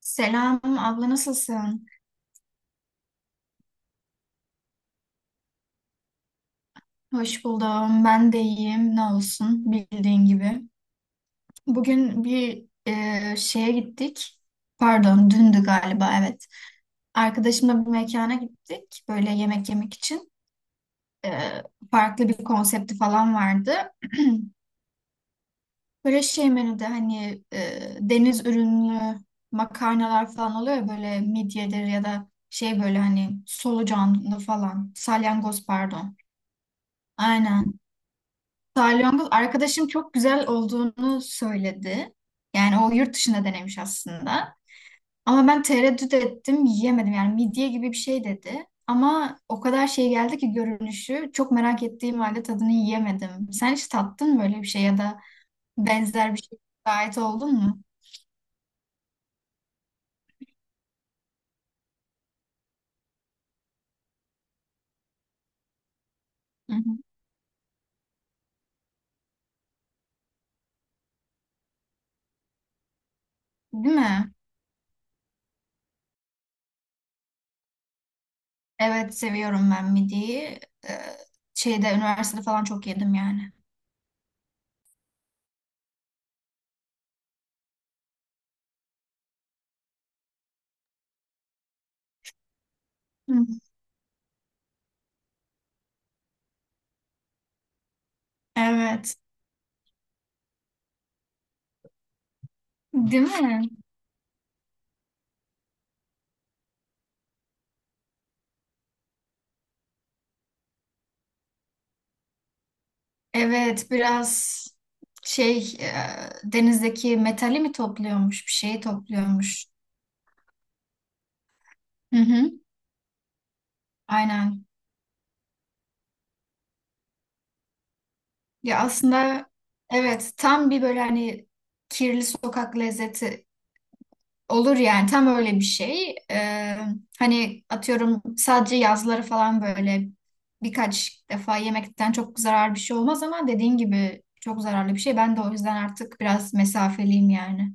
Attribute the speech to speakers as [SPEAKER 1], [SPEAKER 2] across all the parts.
[SPEAKER 1] Selam abla, nasılsın? Hoş buldum. Ben de iyiyim. Ne olsun, bildiğin gibi. Bugün bir şeye gittik. Pardon, dündü galiba, evet. Arkadaşımla bir mekana gittik böyle yemek yemek için. E, Farklı bir konsepti falan vardı. Böyle şey menüde hani deniz ürünlü makarnalar falan oluyor ya, böyle midyedir ya da şey, böyle hani solucanlı falan, salyangoz pardon. Aynen. Salyangoz arkadaşım çok güzel olduğunu söyledi. Yani o yurt dışında denemiş aslında. Ama ben tereddüt ettim, yiyemedim. Yani midye gibi bir şey dedi. Ama o kadar şey geldi ki görünüşü. Çok merak ettiğim halde tadını yiyemedim. Sen hiç tattın mı böyle bir şey ya da benzer bir şey şahit oldun mu? Hı hı. Değil mi? Evet, seviyorum ben midyeyi. Ee, Şeyde, üniversitede falan çok yedim yani. Hı. Evet. Değil mi? Evet, biraz şey, denizdeki metali mi topluyormuş, bir şeyi topluyormuş. Hı hı. Aynen. Ya aslında, evet, tam bir böyle hani kirli sokak lezzeti olur yani, tam öyle bir şey. Hani atıyorum sadece yazları falan böyle birkaç defa yemekten çok zararlı bir şey olmaz, ama dediğin gibi çok zararlı bir şey. Ben de o yüzden artık biraz mesafeliyim yani.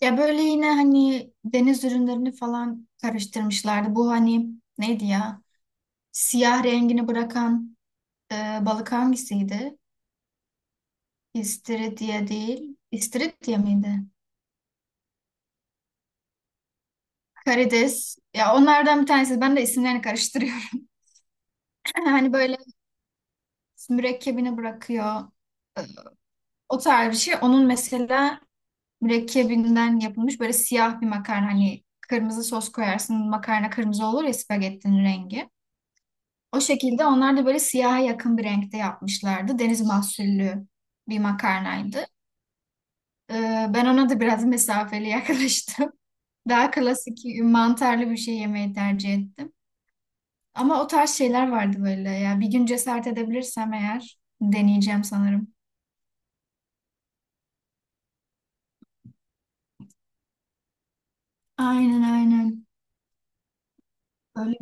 [SPEAKER 1] Ya böyle yine hani deniz ürünlerini falan karıştırmışlardı. Bu hani neydi ya? Siyah rengini bırakan e, balık hangisiydi? İstiridye değil. İstiridye miydi? Karides. Ya onlardan bir tanesi. Ben de isimlerini karıştırıyorum. Hani böyle mürekkebini bırakıyor. E, O tarz bir şey. Onun mesela mürekkebinden yapılmış böyle siyah bir makarna. Hani kırmızı sos koyarsın. Makarna kırmızı olur ya, spagettinin rengi. O şekilde onlar da böyle siyaha yakın bir renkte yapmışlardı. Deniz mahsullü bir makarnaydı. Ben ona da biraz mesafeli yaklaştım. Daha klasik mantarlı bir şey yemeyi tercih ettim. Ama o tarz şeyler vardı böyle ya. Bir gün cesaret edebilirsem eğer deneyeceğim sanırım. Aynen aynen. Öyle.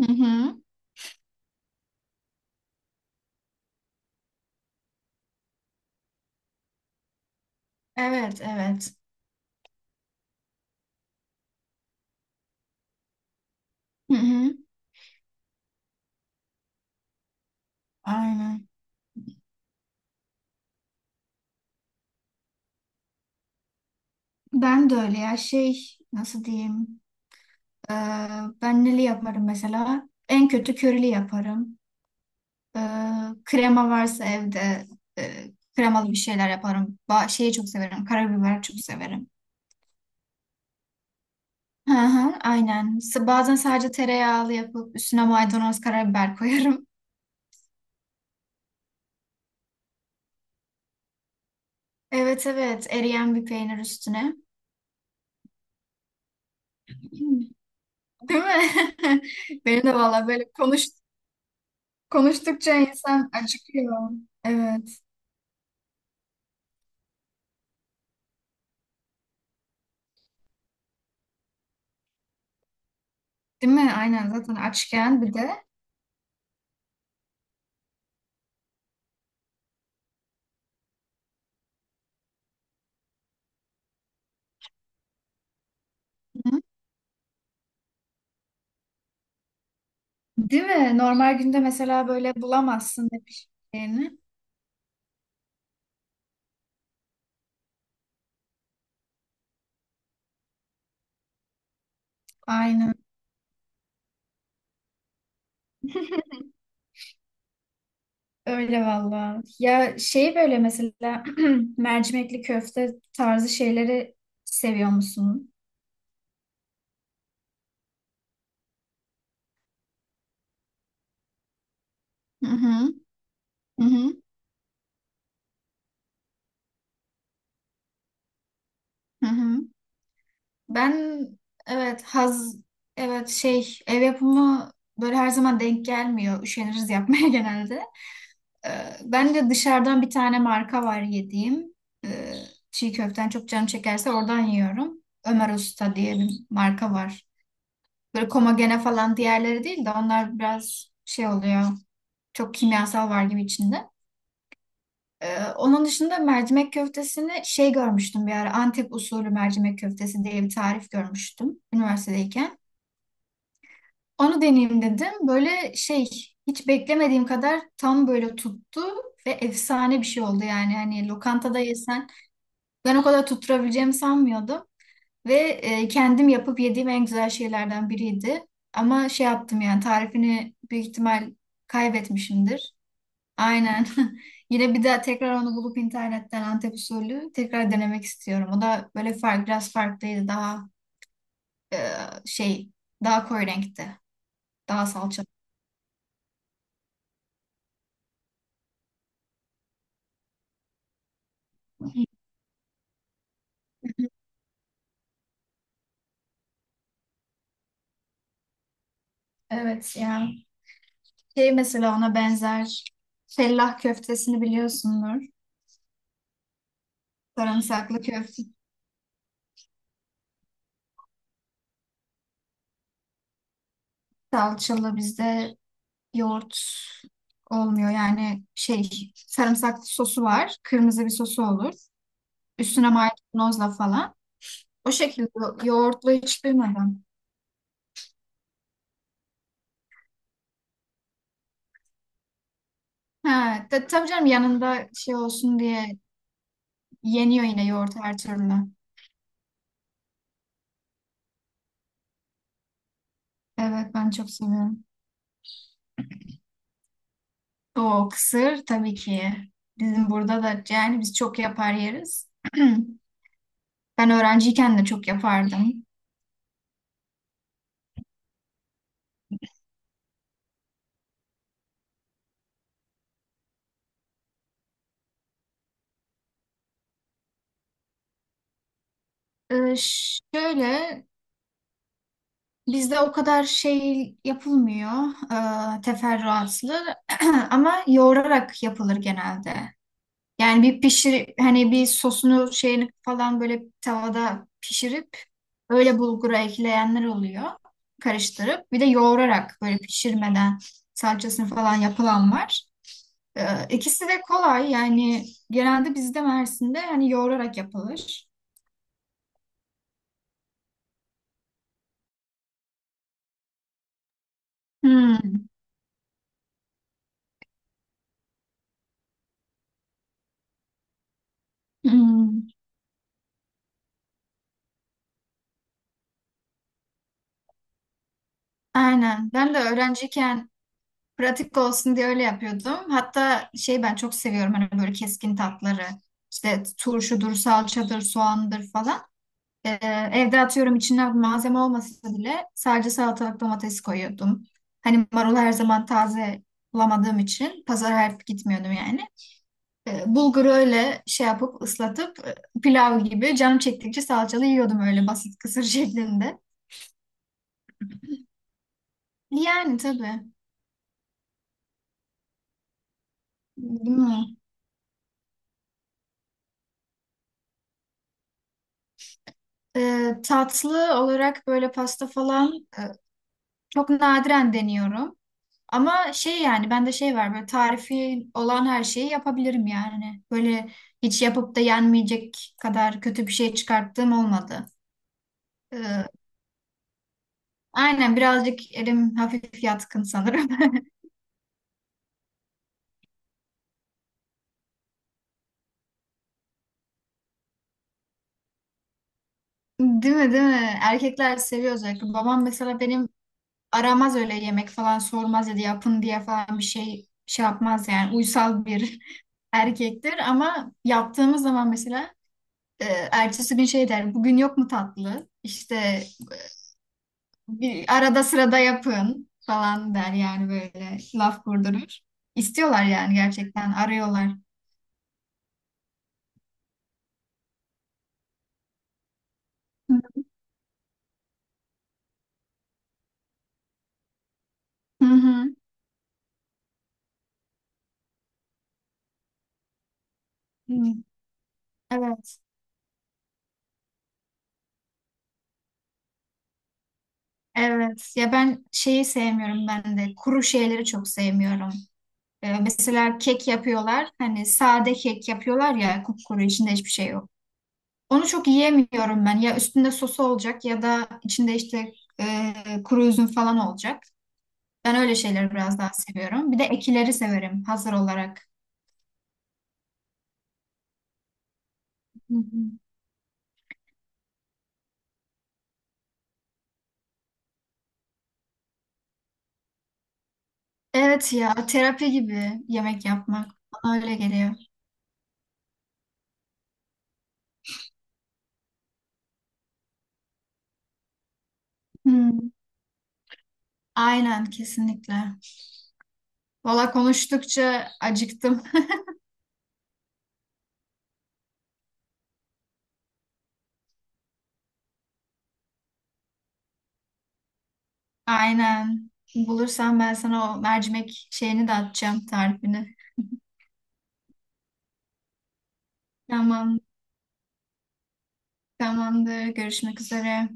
[SPEAKER 1] Hı hı. Evet evet. Hı hı. Aynen. Ben de öyle ya, şey, nasıl diyeyim. Ee, Ben neli yaparım mesela? En kötü körili yaparım. Ee, Krema varsa evde, e, kremalı bir şeyler yaparım. Ba şeyi çok severim. Karabiber çok severim. Hı hı, aynen. S- Bazen sadece tereyağlı yapıp üstüne maydanoz karabiber koyarım. Evet evet, eriyen bir peynir üstüne. Hmm. Değil mi? Benim de valla böyle konuştukça insan acıkıyor. Evet. Değil mi? Aynen, zaten açken bir de. Hı. Değil mi? Normal günde mesela böyle bulamazsın ne pişirdiğini. Aynen. Öyle valla. Ya şey böyle mesela mercimekli köfte tarzı şeyleri seviyor musun? Hı hı. Hı hı. Hı hı. Ben, evet, evet şey, ev yapımı böyle her zaman denk gelmiyor. Üşeniriz yapmaya genelde. Ee, Ben de dışarıdan bir tane marka var yediğim. Ee, Çiğ köften çok canım çekerse oradan yiyorum. Ömer Usta diye bir marka var. Böyle Komagene falan diğerleri değil de onlar biraz şey oluyor. Çok kimyasal var gibi içinde. Onun dışında mercimek köftesini şey, görmüştüm bir ara. Antep usulü mercimek köftesi diye bir tarif görmüştüm üniversitedeyken. Onu deneyeyim dedim. Böyle şey, hiç beklemediğim kadar tam böyle tuttu ve efsane bir şey oldu yani. Hani lokantada yesen ben o kadar tutturabileceğimi sanmıyordum. Ve kendim yapıp yediğim en güzel şeylerden biriydi. Ama şey yaptım yani, tarifini büyük ihtimal kaybetmişimdir. Aynen. Yine bir daha tekrar onu bulup internetten Antep usulü tekrar denemek istiyorum. O da böyle biraz farklıydı. Daha e, şey, daha koyu renkte. Daha salçalı. Evet ya. Şey, mesela ona benzer. Fellah köftesini biliyorsundur. Sarımsaklı köfte salçalı, bizde yoğurt olmuyor. Yani şey, sarımsaklı sosu var. Kırmızı bir sosu olur. Üstüne maydanozla falan. O şekilde. Yoğurtlu hiç duymadım. Ha, tabii canım, yanında şey olsun diye yeniyor yine yoğurt her türlü. Evet, ben çok seviyorum. O kısır tabii ki. Bizim burada da yani biz çok yapar yeriz. Ben öğrenciyken de çok yapardım. Ee, Şöyle, bizde o kadar şey yapılmıyor, teferruatlı, ama yoğurarak yapılır genelde. Yani bir pişir, hani bir sosunu şeyini falan böyle tavada pişirip öyle bulgura ekleyenler oluyor. Karıştırıp bir de yoğurarak böyle pişirmeden salçasını falan yapılan var. İkisi de kolay yani, genelde bizde Mersin'de hani yoğurarak yapılır. Hmm, hmm. Aynen. Ben de öğrenciyken pratik olsun diye öyle yapıyordum. Hatta şey, ben çok seviyorum hani böyle keskin tatları. İşte turşudur, salçadır, soğandır falan. Ee, Evde atıyorum içine malzeme olmasa bile sadece salatalık domates koyuyordum. Hani marulu her zaman taze bulamadığım için pazara her gitmiyordum yani. Bulguru öyle şey yapıp ıslatıp pilav gibi canım çektikçe salçalı yiyordum, öyle basit kısır şeklinde. Yani tabii. Bilmiyorum. Tatlı olarak böyle pasta falan çok nadiren deniyorum. Ama şey, yani bende şey var, böyle tarifi olan her şeyi yapabilirim yani. Hani, böyle hiç yapıp da yenmeyecek kadar kötü bir şey çıkarttığım olmadı. Ee, aynen, birazcık elim hafif yatkın sanırım. Değil mi, değil mi? Erkekler seviyor özellikle. Babam mesela benim aramaz öyle, yemek falan sormaz ya da yapın diye falan bir şey yapmaz yani. Uysal bir erkektir, ama yaptığımız zaman mesela e, ertesi gün şey der, bugün yok mu tatlı? İşte bir arada sırada yapın falan der yani, böyle laf kurdurur. İstiyorlar yani, gerçekten arıyorlar. Hı hı. Hı. Evet. Evet. Ya ben şeyi sevmiyorum ben de. Kuru şeyleri çok sevmiyorum. Mesela kek yapıyorlar. Hani sade kek yapıyorlar ya, kupkuru, içinde hiçbir şey yok. Onu çok yiyemiyorum ben. Ya üstünde sosu olacak ya da içinde işte kuru üzüm falan olacak. Ben öyle şeyleri biraz daha seviyorum. Bir de ekileri severim hazır olarak. Hı hı. Evet ya, terapi gibi yemek yapmak bana öyle geliyor. Hmm, aynen, kesinlikle. Valla konuştukça acıktım. Aynen. Bulursam ben sana o mercimek şeyini de atacağım, tarifini. Tamam, tamamdır. Görüşmek üzere.